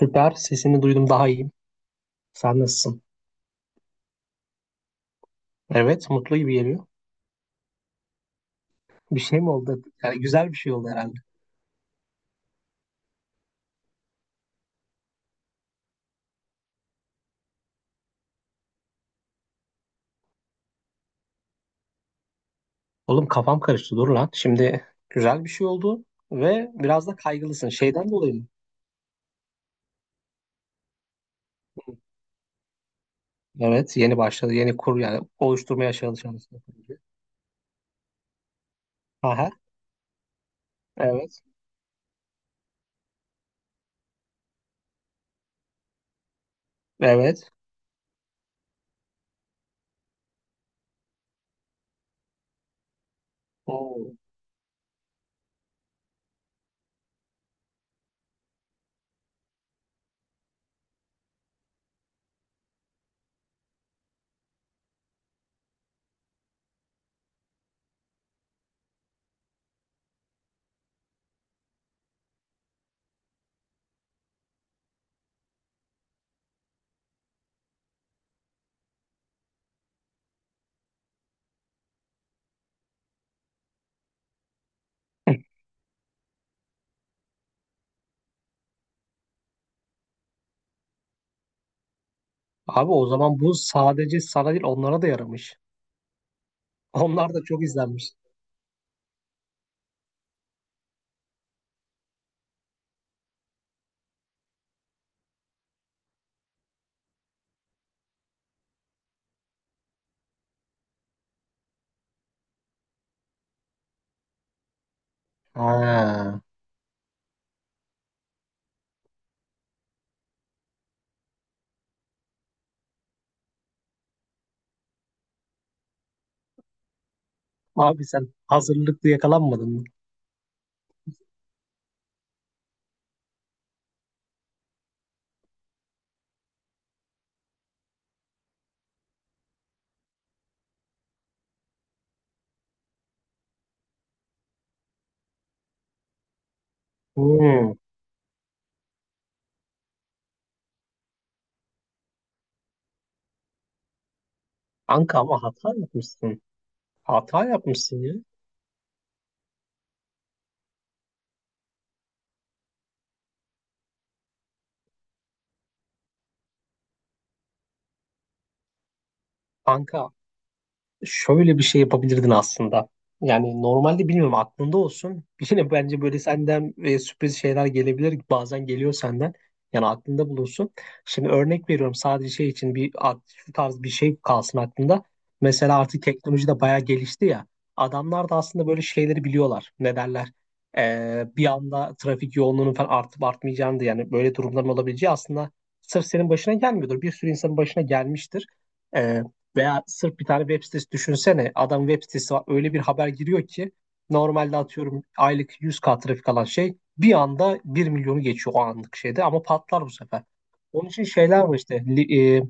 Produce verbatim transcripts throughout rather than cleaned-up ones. Süper. Sesini duydum daha iyiyim. Sen nasılsın? Evet, mutlu gibi geliyor. Bir şey mi oldu? Yani güzel bir şey oldu herhalde. Oğlum kafam karıştı. Dur lan. Şimdi güzel bir şey oldu ve biraz da kaygılısın. Şeyden dolayı mı? Evet, yeni başladı. Yeni kur yani oluşturmaya çalışıyorsun. Aha, evet. Evet. Oo. Abi, o zaman bu sadece sana değil onlara da yaramış. Onlar da çok izlenmiş. Ha. Abi, sen hazırlıklı yakalanmadın mı? Hmm. Kanka, ama hata yapmışsın. Hata yapmışsın ya. Kanka, şöyle bir şey yapabilirdin aslında. Yani normalde bilmiyorum aklında olsun. Yine bence böyle senden e, sürpriz şeyler gelebilir. Bazen geliyor senden. Yani aklında bulunsun. Şimdi örnek veriyorum sadece şey için bir a- şu tarz bir şey kalsın aklında. Mesela artık teknoloji de bayağı gelişti ya. Adamlar da aslında böyle şeyleri biliyorlar. Ne derler? Ee, bir anda trafik yoğunluğunun falan artıp artmayacağını da yani böyle durumların olabileceği aslında sırf senin başına gelmiyordur. Bir sürü insanın başına gelmiştir. E, veya sırf bir tane web sitesi düşünsene. Adam web sitesi var. Öyle bir haber giriyor ki normalde atıyorum aylık yüz k trafik alan şey bir anda bir milyonu geçiyor o anlık şeyde ama patlar bu sefer. Onun için şeyler var işte li- e,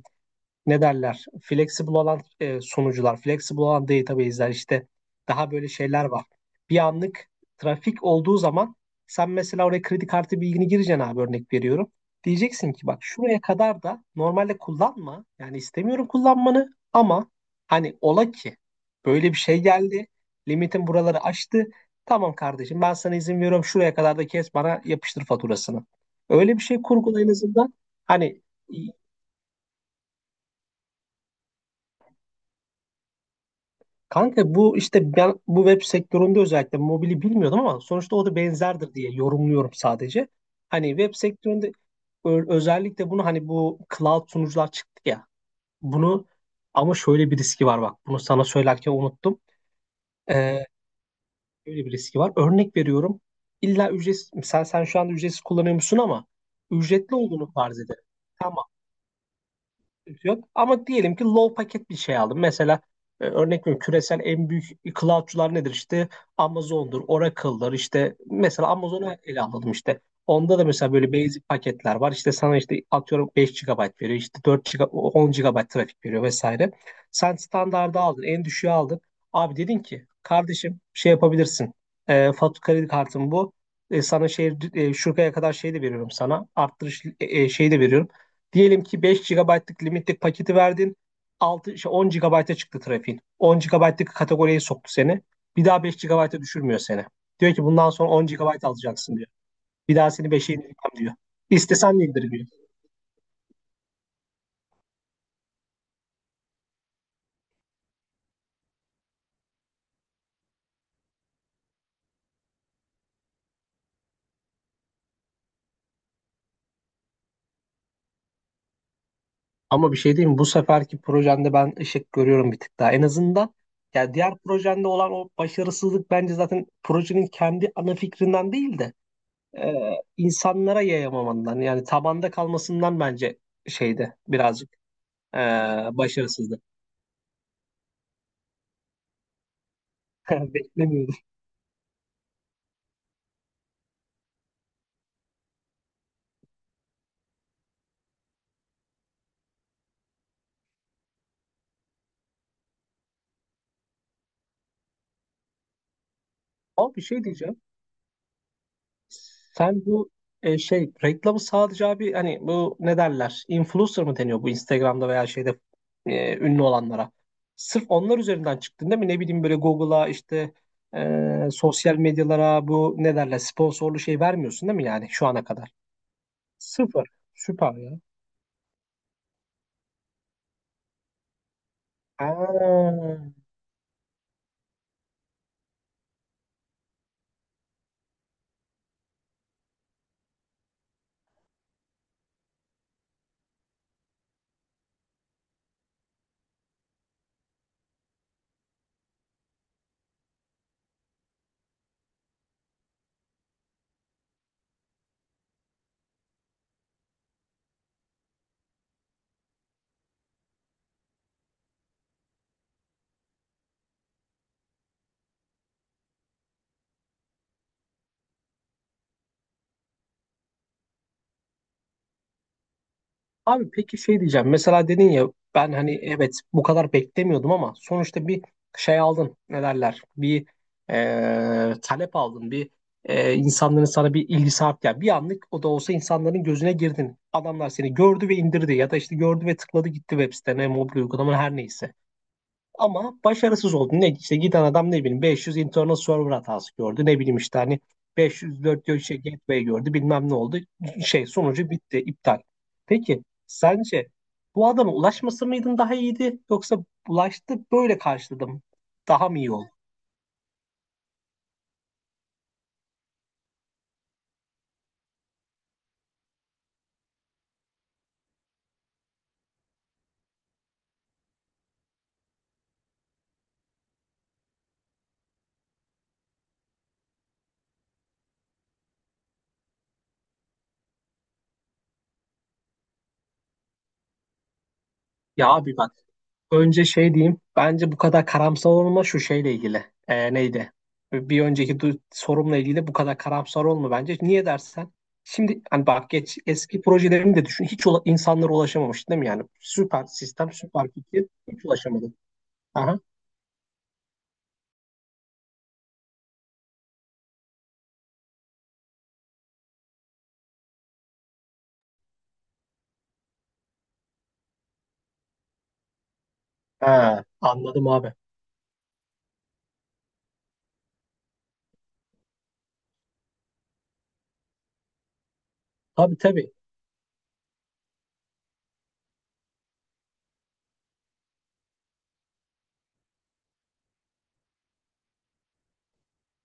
ne derler flexible olan e, sunucular, flexible olan database'ler işte daha böyle şeyler var. Bir anlık trafik olduğu zaman sen mesela oraya kredi kartı bilgini gireceksin abi, örnek veriyorum. Diyeceksin ki bak şuraya kadar da normalde kullanma. Yani istemiyorum kullanmanı ama hani ola ki böyle bir şey geldi. Limitin buraları aştı. Tamam kardeşim, ben sana izin veriyorum şuraya kadar da kes bana yapıştır faturasını. Öyle bir şey kurgula en azından. Hani kanka, bu işte ben bu web sektöründe özellikle mobili bilmiyordum ama sonuçta o da benzerdir diye yorumluyorum sadece. Hani web sektöründe ö- özellikle bunu hani bu cloud sunucular çıktı ya. Bunu ama şöyle bir riski var bak. Bunu sana söylerken unuttum. Ee, şöyle bir riski var. Örnek veriyorum. İlla ücretsiz sen sen şu anda ücretsiz kullanıyor musun ama ücretli olduğunu farz edelim. Sen yok. Ama diyelim ki low paket bir şey aldım. Mesela e, örnek veriyorum küresel en büyük cloud'cular nedir? İşte Amazon'dur, Oracle'dır. İşte mesela Amazon'u ele alalım işte. Onda da mesela böyle basic paketler var. İşte sana işte atıyorum beş gigabayt veriyor. İşte dört giga, on gigabayt trafik veriyor vesaire. Sen standardı aldın, en düşüğü aldın. Abi, dedin ki kardeşim şey yapabilirsin. E, fatura kredi kartım bu. E, sana şey e, şuraya kadar şey de veriyorum sana. Arttırış e, e, şey de veriyorum. Diyelim ki beş gigabaytlık limitlik paketi verdin. altı, şey on gigabayta çıktı trafiğin. on gigabaytlık kategoriye soktu seni. Bir daha beş gigabayta düşürmüyor seni. Diyor ki bundan sonra on gigabayt alacaksın diyor. Bir daha seni beşe indirmem diyor. İstesen de indirmiyor. Ama bir şey diyeyim mi? Bu seferki projende ben ışık görüyorum bir tık daha. En azından ya diğer projende olan o başarısızlık bence zaten projenin kendi ana fikrinden değil de e, insanlara yayamamandan yani tabanda kalmasından bence şeyde birazcık Ee, başarısızlık. Beklemiyordum. Abi, bir şey diyeceğim. Sen bu e, şey reklamı sadece abi hani bu ne derler? Influencer mı deniyor bu Instagram'da veya şeyde e, ünlü olanlara? Sırf onlar üzerinden çıktın değil mi? Ne bileyim böyle Google'a işte e, sosyal medyalara bu ne derler sponsorlu şey vermiyorsun değil mi yani şu ana kadar? Sıfır. Süper ya. Aa. Abi, peki şey diyeceğim. Mesela dedin ya ben hani evet bu kadar beklemiyordum ama sonuçta bir şey aldın. Ne derler? Bir e, talep aldın. Bir e, insanların sana bir ilgisi arttı. Yani bir anlık o da olsa insanların gözüne girdin. Adamlar seni gördü ve indirdi ya da işte gördü ve tıkladı, gitti web sitene, mobil uygulama her neyse. Ama başarısız oldu. Ne işte giden adam ne bileyim beş yüz internal server hatası gördü. Ne bileyim işte hani beş yüz dört yüz şey gateway gördü. Bilmem ne oldu. Şey sonucu bitti, iptal. Peki sence bu adama ulaşması mıydın daha iyiydi yoksa ulaştı böyle karşıladım daha mı iyi oldu? Ya abi bak, önce şey diyeyim. Bence bu kadar karamsar olma şu şeyle ilgili. Ee, neydi? Bir önceki du- sorumla ilgili bu kadar karamsar olma bence. Niye dersen? Şimdi hani bak geç eski projelerini de düşün. Hiç ula- insanlara ulaşamamış değil mi yani? Süper sistem, süper fikir. Hiç ulaşamadı. Aha. Ha, anladım abi. Tabii tabii.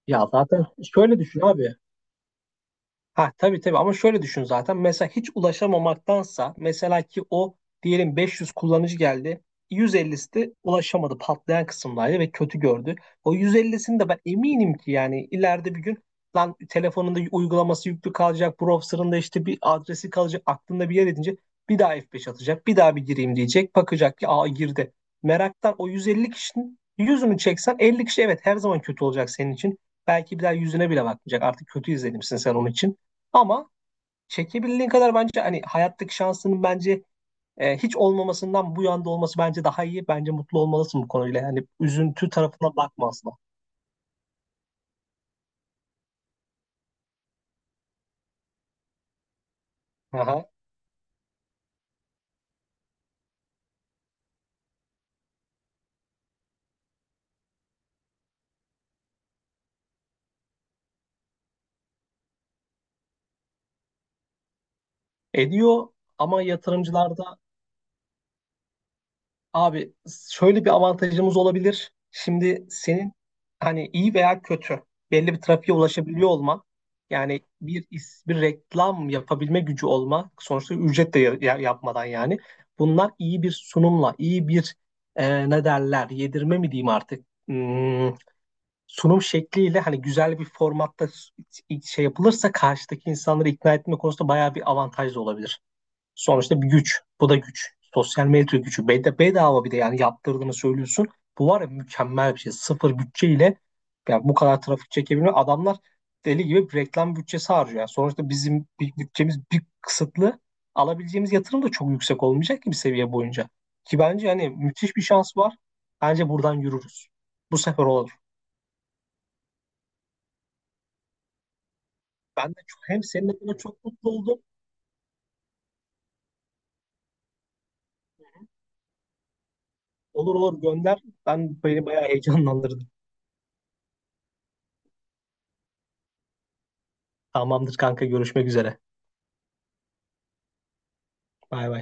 Ya zaten şöyle düşün abi. Ha tabii tabii ama şöyle düşün zaten. Mesela hiç ulaşamamaktansa mesela ki o diyelim beş yüz kullanıcı geldi. yüz ellisi de ulaşamadı patlayan kısımdaydı ve kötü gördü. O yüz ellisini de ben eminim ki yani ileride bir gün lan telefonunda uygulaması yüklü kalacak, browser'ında işte bir adresi kalacak, aklında bir yer edince bir daha F beş atacak, bir daha bir gireyim diyecek, bakacak ki aa girdi. Meraktan o yüz elli kişinin yüzünü çeksen elli kişi evet her zaman kötü olacak senin için. Belki bir daha yüzüne bile bakmayacak. Artık kötü izlenimsin sen onun için. Ama çekebildiğin kadar bence hani hayattaki şansının bence e, hiç olmamasından bu yanda olması bence daha iyi. Bence mutlu olmalısın bu konuyla. Yani üzüntü tarafına bakma asla. Aha. Ediyor ama yatırımcılarda. Abi, şöyle bir avantajımız olabilir. Şimdi senin hani iyi veya kötü belli bir trafiğe ulaşabiliyor olman yani bir is- bir reklam yapabilme gücü olma sonuçta ücret de ya- ya- yapmadan yani bunlar iyi bir sunumla iyi bir e, ne derler yedirme mi diyeyim artık Hmm, sunum şekliyle hani güzel bir formatta s- şey yapılırsa karşıdaki insanları ikna etme konusunda bayağı bir avantaj da olabilir. Sonuçta bir güç. Bu da güç. Sosyal medya gücü. Bed- Bedava bir de yani yaptırdığını söylüyorsun. Bu var ya mükemmel bir şey. Sıfır bütçeyle yani bu kadar trafik çekebilmek. Adamlar deli gibi bir reklam bütçesi harcıyor. Yani sonuçta bizim bir bütçemiz bir kısıtlı. Alabileceğimiz yatırım da çok yüksek olmayacak ki bir seviye boyunca. Ki bence hani müthiş bir şans var. Bence buradan yürürüz. Bu sefer olur. Ben de çok, hem seninle böyle çok mutlu oldum. Olur olur gönder. Ben beni bayağı heyecanlandırdım. Tamamdır kanka, görüşmek üzere. Bay bay.